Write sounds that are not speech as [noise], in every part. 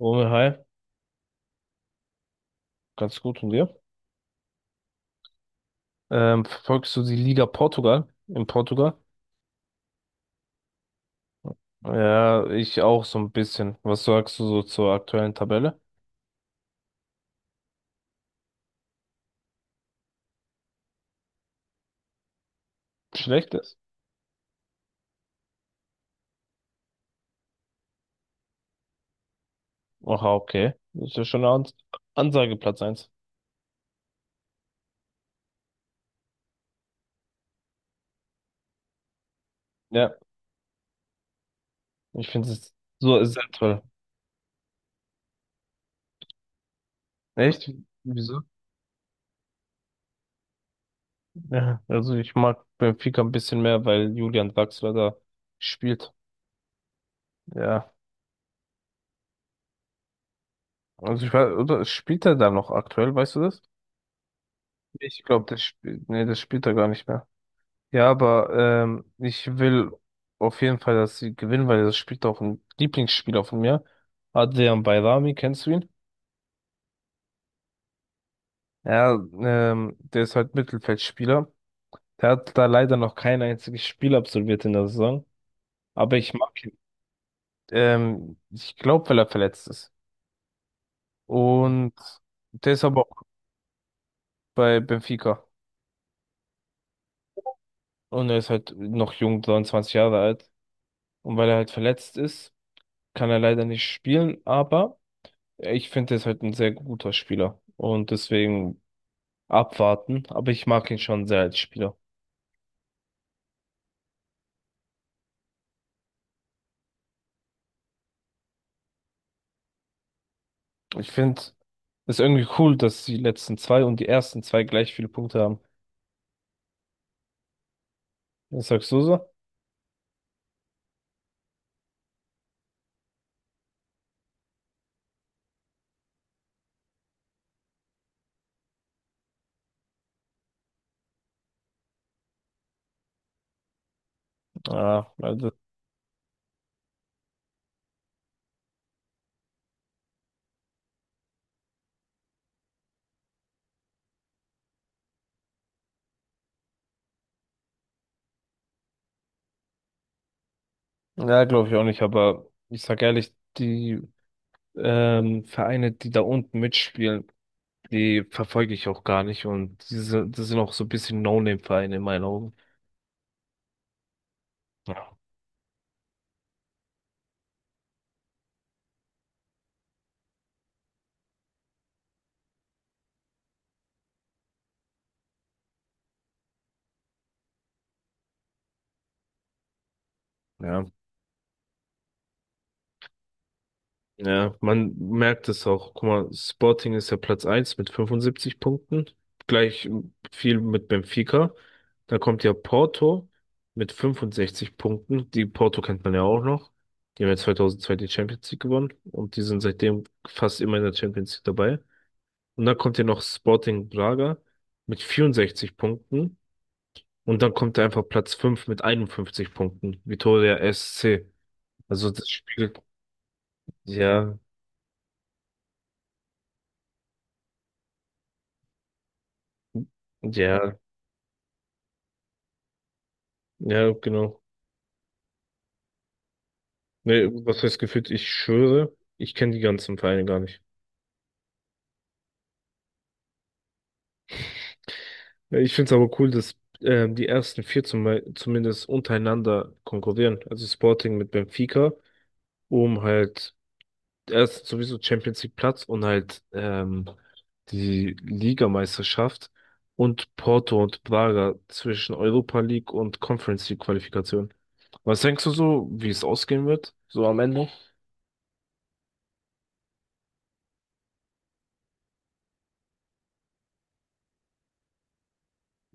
Romeo, hi, ganz gut und dir? Verfolgst du die Liga Portugal in Portugal? Ja, ich auch so ein bisschen. Was sagst du so zur aktuellen Tabelle? Schlecht ist. Aha, okay. Das ist ja schon eine Ansage, Platz 1. Ja, ich finde es so ist sehr toll. Echt? Wieso? Ja, also ich mag Benfica ein bisschen mehr, weil Julian Draxler da spielt. Ja, also ich weiß, oder spielt er da noch aktuell, weißt du das? Ich glaube, das spielt, nee, das spielt er gar nicht. Ja, aber ich will auf jeden Fall, dass sie gewinnen, weil das spielt auch ein Lieblingsspieler von mir. Adrian Bayrami, kennst du ihn? Ja, der ist halt Mittelfeldspieler. Der hat da leider noch kein einziges Spiel absolviert in der Saison. Aber ich mag ihn. Ich glaube, weil er verletzt ist. Und der ist aber auch bei Benfica. Und er ist halt noch jung, 23 Jahre alt. Und weil er halt verletzt ist, kann er leider nicht spielen, aber. Ich finde, er ist halt ein sehr guter Spieler und deswegen abwarten, aber ich mag ihn schon sehr als Spieler. Ich finde es irgendwie cool, dass die letzten zwei und die ersten zwei gleich viele Punkte haben. Was sagst du so? Ja, also, ja, glaube ich auch nicht, aber ich sag ehrlich, die Vereine, die da unten mitspielen, die verfolge ich auch gar nicht und diese, das sind auch so ein bisschen No-Name-Vereine in meinen Augen. Ja. Ja. Ja, man merkt es auch. Guck mal, Sporting ist ja Platz eins mit 75 Punkten. Gleich viel mit Benfica. Dann kommt ja Porto mit 65 Punkten. Die Porto kennt man ja auch noch. Die haben ja 2002 die Champions League gewonnen und die sind seitdem fast immer in der Champions League dabei. Und dann kommt ja noch Sporting Braga mit 64 Punkten. Und dann kommt da einfach Platz 5 mit 51 Punkten. Vitória SC. Also das spiegelt, ja, ja, ja, genau. Nee, was heißt gefühlt? Ich schwöre, ich kenne die ganzen Vereine gar nicht. Ja, ich finde es aber cool, dass die ersten vier zumindest untereinander konkurrieren. Also Sporting mit Benfica, um halt erst sowieso Champions League Platz und halt die Ligameisterschaft und Porto und Braga zwischen Europa League und Conference League Qualifikation. Was denkst du so, wie es ausgehen wird? So am Ende?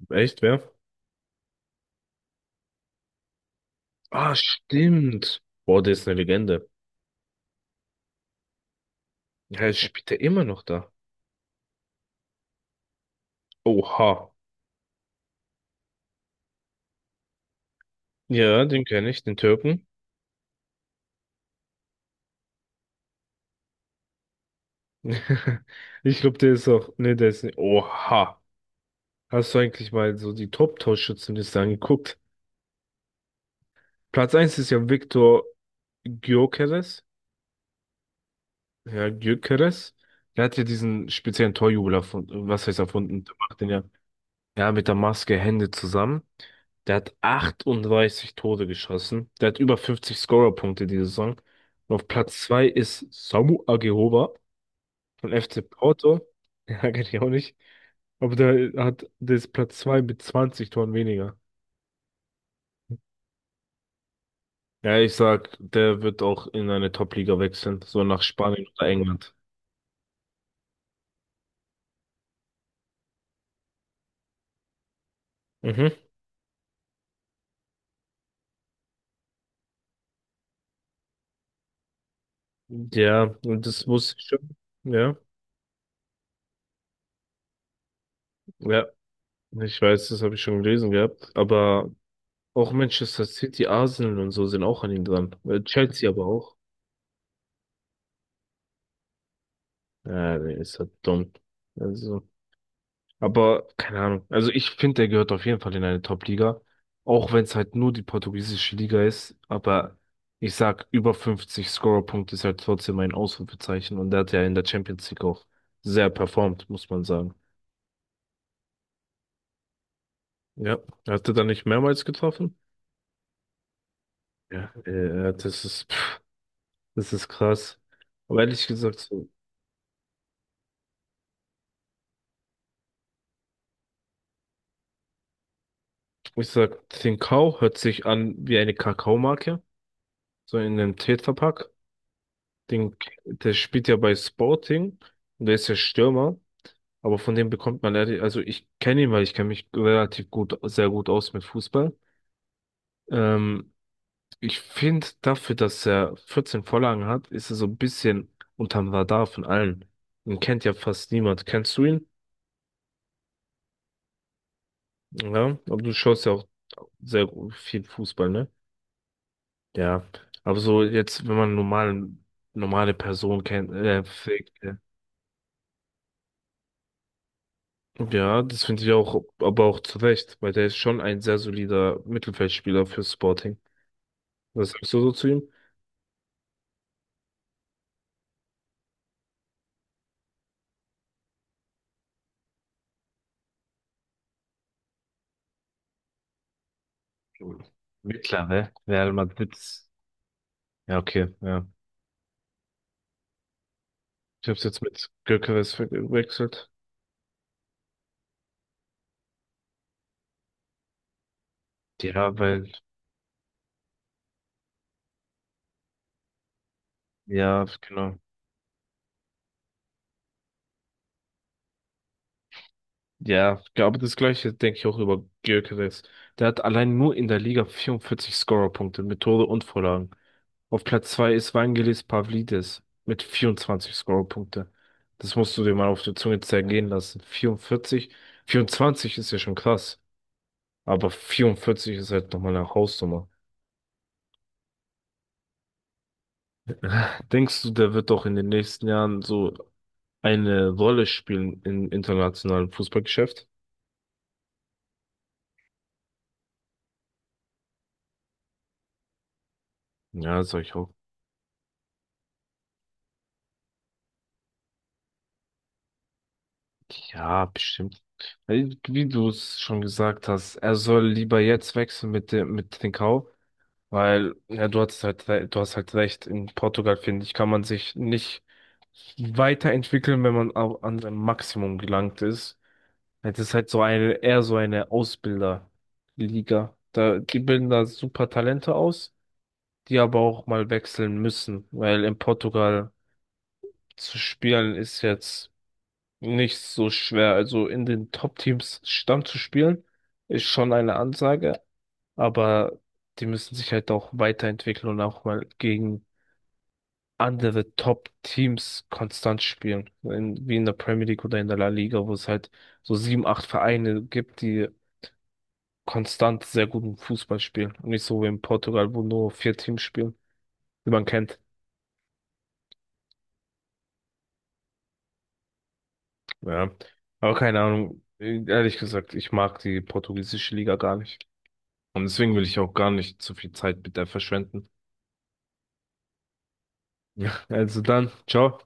Echt, wer? Ah, stimmt. Boah, der ist eine Legende. Ja, jetzt spielt er immer noch da. Oha. Ja, den kenne ich, den Türken. [laughs] Ich glaube, der ist auch. Ne, der ist nicht. Oha. Hast du eigentlich mal so die Top-Torschützenliste angeguckt? Platz eins ist ja Viktor Gyökeres. Ja, Gyökeres. Der hat ja diesen speziellen Torjubel erfunden. Was heißt erfunden? Der macht den ja. Ja, mit der Maske Hände zusammen. Der hat 38 Tore geschossen. Der hat über 50 Scorerpunkte diese Saison. Und auf Platz 2 ist Samu Agehova. Von FC Porto? [laughs] Ja, kenn ich auch nicht. Aber der ist Platz 2 mit 20 Toren weniger. Ja, ich sag, der wird auch in eine Top-Liga wechseln, so nach Spanien oder England. Mhm. Ja, und das muss ich schon. Ja, ja, ich weiß, das habe ich schon gelesen gehabt. Aber auch Manchester City, Arsenal und so sind auch an ihm dran. Chelsea aber auch. Ja, der ist halt dumm. Also. Aber keine Ahnung. Also ich finde, der gehört auf jeden Fall in eine Top-Liga. Auch wenn es halt nur die portugiesische Liga ist. Aber ich sag, über 50 Scorerpunkte ist halt trotzdem ein Ausrufezeichen. Und der hat ja in der Champions League auch sehr performt, muss man sagen. Ja, er hatte da nicht mehrmals getroffen. Ja, das ist, pff, das ist krass. Aber ehrlich gesagt, so, ich sag, Trincão hört sich an wie eine Kakaomarke, so in einem Tetrapack. Den, Der spielt ja bei Sporting und der ist ja Stürmer, aber von dem bekommt man leider, also ich kenne ihn, weil ich kenne mich relativ gut, sehr gut aus mit Fußball. Ähm, Ich finde dafür, dass er 14 Vorlagen hat, ist er so ein bisschen unterm Radar von allen. Ihn kennt ja fast niemand. Kennst du ihn? Ja, aber du schaust ja auch sehr viel Fußball, ne? Ja, aber so jetzt, wenn man normale Person kennt, fake, ja, das finde ich auch, aber auch zu Recht, weil der ist schon ein sehr solider Mittelfeldspieler für Sporting. Was sagst du so zu ihm? Mittlerweile Real Madrid. Ja, okay, ja. Ich habe jetzt mit Gyökeres verwechselt. Ja, weil, ja, genau. Ja, aber das Gleiche denke ich auch über Gyökeres. Der hat allein nur in der Liga 44 Scorerpunkte mit Tore und Vorlagen. Auf Platz zwei ist Vangelis Pavlidis mit 24 Scorerpunkte. Das musst du dir mal auf der Zunge zergehen lassen. 44, 24 ist ja schon krass, aber 44 ist halt nochmal eine Hausnummer. [laughs] Denkst du, der wird doch in den nächsten Jahren so eine Rolle spielen im internationalen Fußballgeschäft? Ja, sag ich auch. Ja, bestimmt. Weil, wie du es schon gesagt hast, er soll lieber jetzt wechseln mit dem, mit Trincao. Weil, ja, du hast halt recht, in Portugal, finde ich, kann man sich nicht weiterentwickeln, wenn man an sein Maximum gelangt ist. Es ist halt eher so eine Ausbilderliga. Die bilden da super Talente aus, die aber auch mal wechseln müssen, weil in Portugal zu spielen ist jetzt nicht so schwer. Also in den Top-Teams Stamm zu spielen, ist schon eine Ansage, aber die müssen sich halt auch weiterentwickeln und auch mal gegen andere Top-Teams konstant spielen. Wie in der Premier League oder in der La Liga, wo es halt so sieben, acht Vereine gibt, die konstant sehr guten Fußball spielen. Und nicht so wie in Portugal, wo nur vier Teams spielen, die man kennt. Ja. Aber keine Ahnung. Ehrlich gesagt, ich mag die portugiesische Liga gar nicht. Und deswegen will ich auch gar nicht zu viel Zeit mit der verschwenden. [laughs] Ja, also dann, ciao.